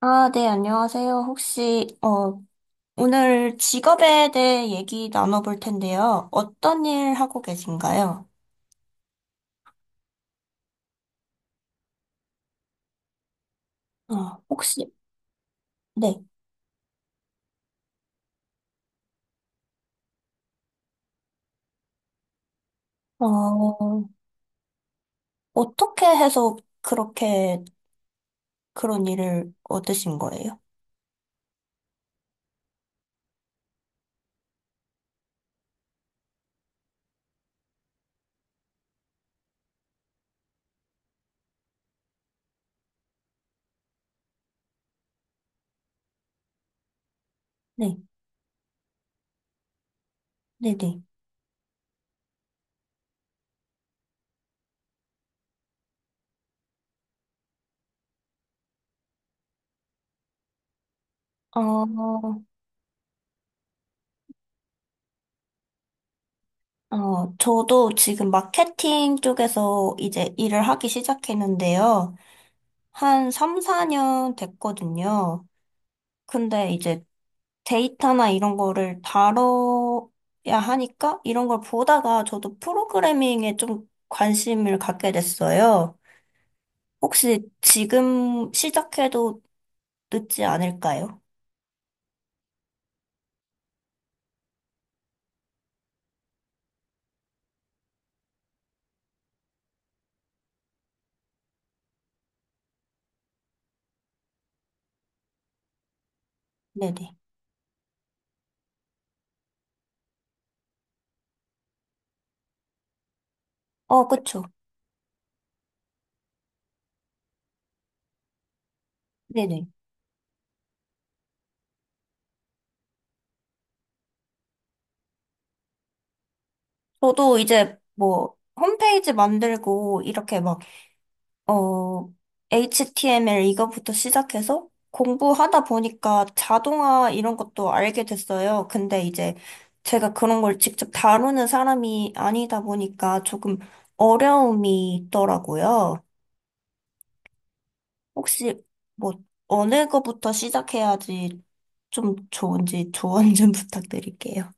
아, 네, 안녕하세요. 오늘 직업에 대해 얘기 나눠볼 텐데요. 어떤 일 하고 계신가요? 어, 혹시, 네, 어, 어떻게 해서 그렇게 그런 일을 얻으신 거예요? 네, 네네. 어, 저도 지금 마케팅 쪽에서 이제 일을 하기 시작했는데요. 한 3, 4년 됐거든요. 근데 이제 데이터나 이런 거를 다뤄야 하니까 이런 걸 보다가 저도 프로그래밍에 좀 관심을 갖게 됐어요. 혹시 지금 시작해도 늦지 않을까요? 네네. 어, 그쵸. 네네. 저도 이제 뭐 홈페이지 만들고 이렇게 막 어, HTML 이거부터 시작해서 공부하다 보니까 자동화 이런 것도 알게 됐어요. 근데 이제 제가 그런 걸 직접 다루는 사람이 아니다 보니까 조금 어려움이 있더라고요. 혹시 뭐 어느 거부터 시작해야지 좀 좋은지 조언 좀 부탁드릴게요.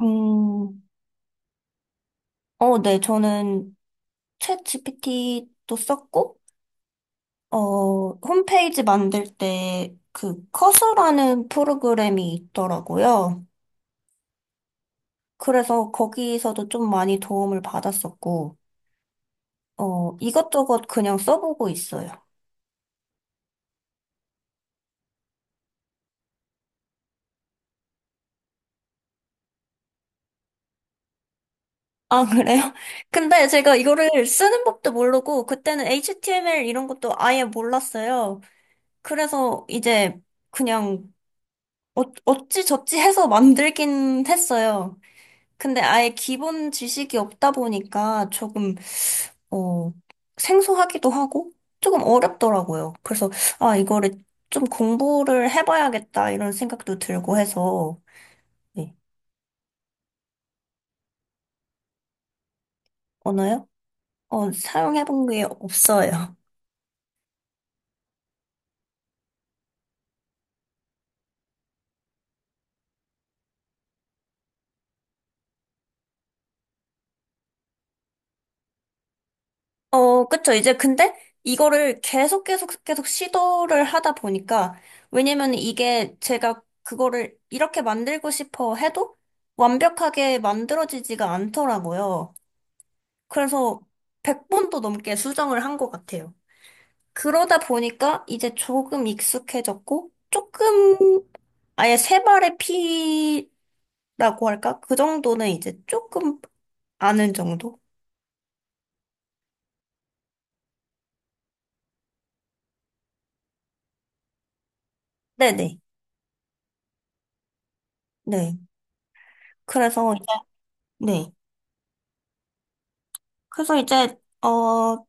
음, 어, 네, 저는 챗GPT도 썼고, 어, 홈페이지 만들 때 그 커서라는 프로그램이 있더라고요. 그래서 거기서도 좀 많이 도움을 받았었고, 이것저것 그냥 써보고 있어요. 아, 그래요? 근데 제가 이거를 쓰는 법도 모르고, 그때는 HTML 이런 것도 아예 몰랐어요. 그래서 이제 그냥 어찌저찌 해서 만들긴 했어요. 근데 아예 기본 지식이 없다 보니까 조금, 어, 생소하기도 하고 조금 어렵더라고요. 그래서, 아, 이거를 좀 공부를 해봐야겠다 이런 생각도 들고 해서, 네. 언어요? 어, 사용해본 게 없어요. 어, 그쵸. 이제 근데 이거를 계속 시도를 하다 보니까, 왜냐면 이게 제가 그거를 이렇게 만들고 싶어 해도 완벽하게 만들어지지가 않더라고요. 그래서 100번도 넘게 수정을 한 것 같아요. 그러다 보니까 이제 조금 익숙해졌고, 조금, 아예 세 발의 피라고 할까? 그 정도는 이제 조금 아는 정도? 네네. 네. 그래서 이제, 네. 그래서 이제,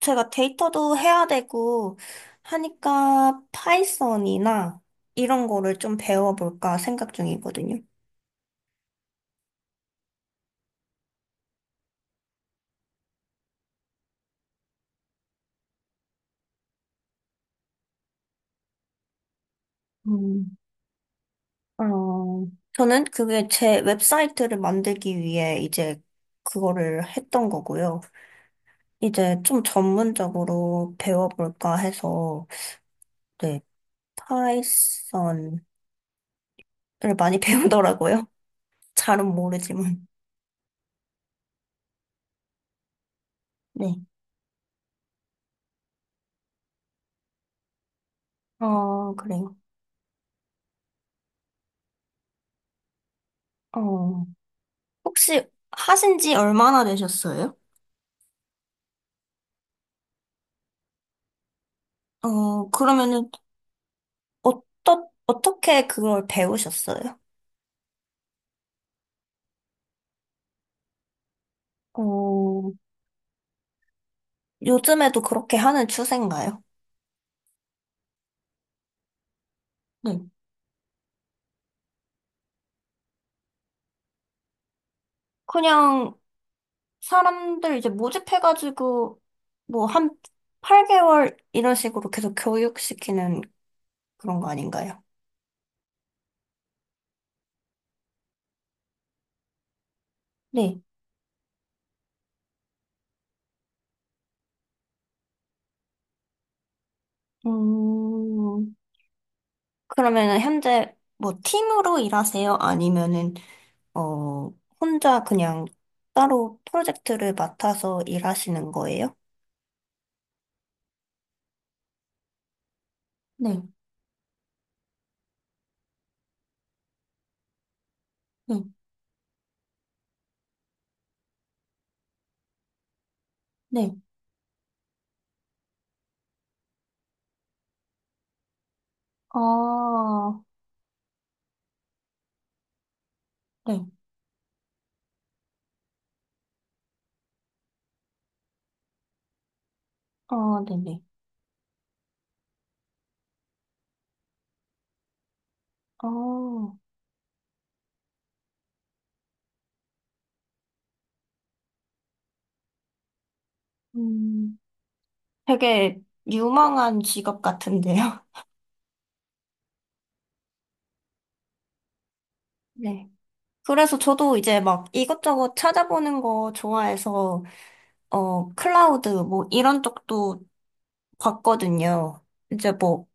제가 데이터도 해야 되고 하니까 파이썬이나 이런 거를 좀 배워볼까 생각 중이거든요. 음. 어, 저는 그게 제 웹사이트를 만들기 위해 이제 그거를 했던 거고요. 이제 좀 전문적으로 배워볼까 해서, 네, 파이썬을 많이 배우더라고요. 잘은 모르지만. 네. 어, 그래요. 어, 혹시 하신 지 얼마나 되셨어요? 어, 그러면은, 어떻게 그걸 배우셨어요? 어, 요즘에도 그렇게 하는 추세인가요? 네. 그냥 사람들 이제 모집해가지고 뭐 한 8개월 이런 식으로 계속 교육시키는 그런 거 아닌가요? 네. 음, 그러면은 현재 뭐 팀으로 일하세요? 아니면은 어 혼자 그냥 따로 프로젝트를 맡아서 일하시는 거예요? 네, 네, 네. 아, 네. 아, 네네. 아, 음, 되게 유망한 직업 같은데요? 네. 그래서 저도 이제 막 이것저것 찾아보는 거 좋아해서, 어, 클라우드 뭐 이런 쪽도 봤거든요. 이제 뭐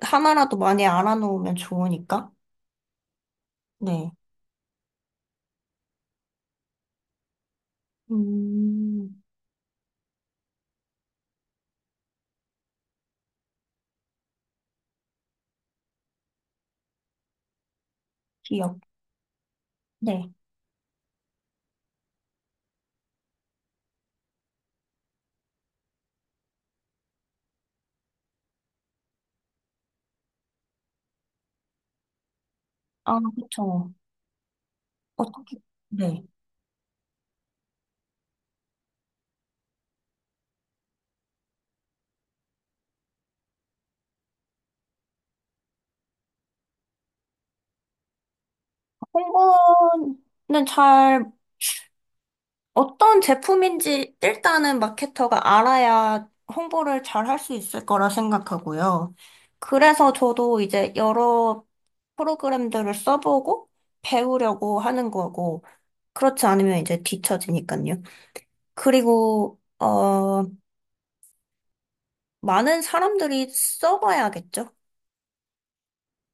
하나라도 많이 알아놓으면 좋으니까. 네. 음, 기억. 네. 아, 그쵸. 어떻게, 네. 홍보는 잘 어떤 제품인지 일단은 마케터가 알아야 홍보를 잘 할 수 있을 거라 생각하고요. 그래서 저도 이제 여러 프로그램들을 써보고 배우려고 하는 거고, 그렇지 않으면 이제 뒤처지니까요. 그리고, 어, 많은 사람들이 써봐야겠죠.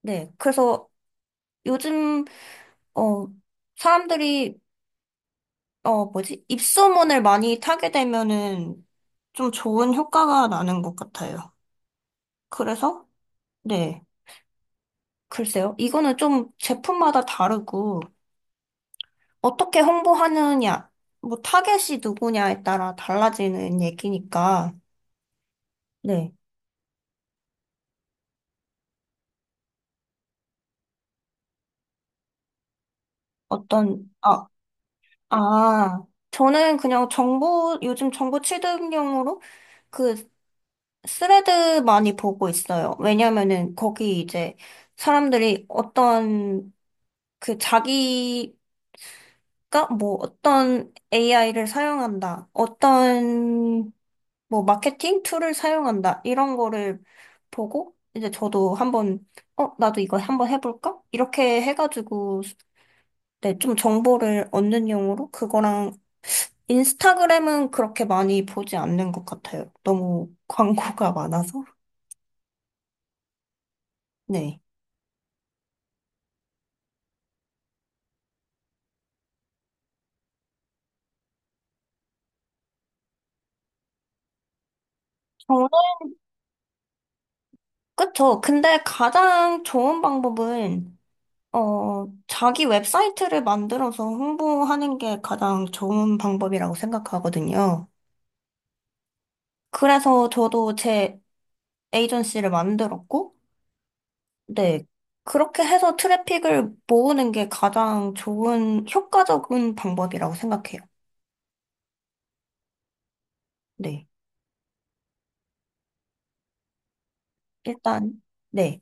네. 그래서 요즘, 어, 사람들이, 어, 뭐지? 입소문을 많이 타게 되면은 좀 좋은 효과가 나는 것 같아요. 그래서, 네, 글쎄요. 이거는 좀 제품마다 다르고, 어떻게 홍보하느냐, 뭐, 타겟이 누구냐에 따라 달라지는 얘기니까, 네, 아, 아, 저는 그냥 정보, 요즘 정보 취득용으로 그 스레드 많이 보고 있어요. 왜냐면은 거기 이제 사람들이 어떤 그 자기가 뭐 어떤 AI를 사용한다, 어떤 뭐 마케팅 툴을 사용한다 이런 거를 보고 이제 저도 한번 어 나도 이거 한번 해볼까? 이렇게 해가지고 네, 좀 정보를 얻는 용으로 그거랑 인스타그램은 그렇게 많이 보지 않는 것 같아요. 너무 광고가 많아서. 네. 정말? 그쵸. 근데 가장 좋은 방법은, 어, 자기 웹사이트를 만들어서 홍보하는 게 가장 좋은 방법이라고 생각하거든요. 그래서 저도 제 에이전시를 만들었고, 네. 그렇게 해서 트래픽을 모으는 게 가장 좋은, 효과적인 방법이라고 생각해요. 네. 일단, 네.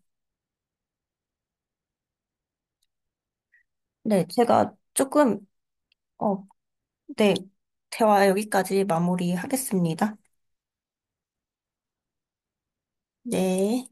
네. 제가 조금, 어, 네. 대화 여기까지 마무리하겠습니다. 네.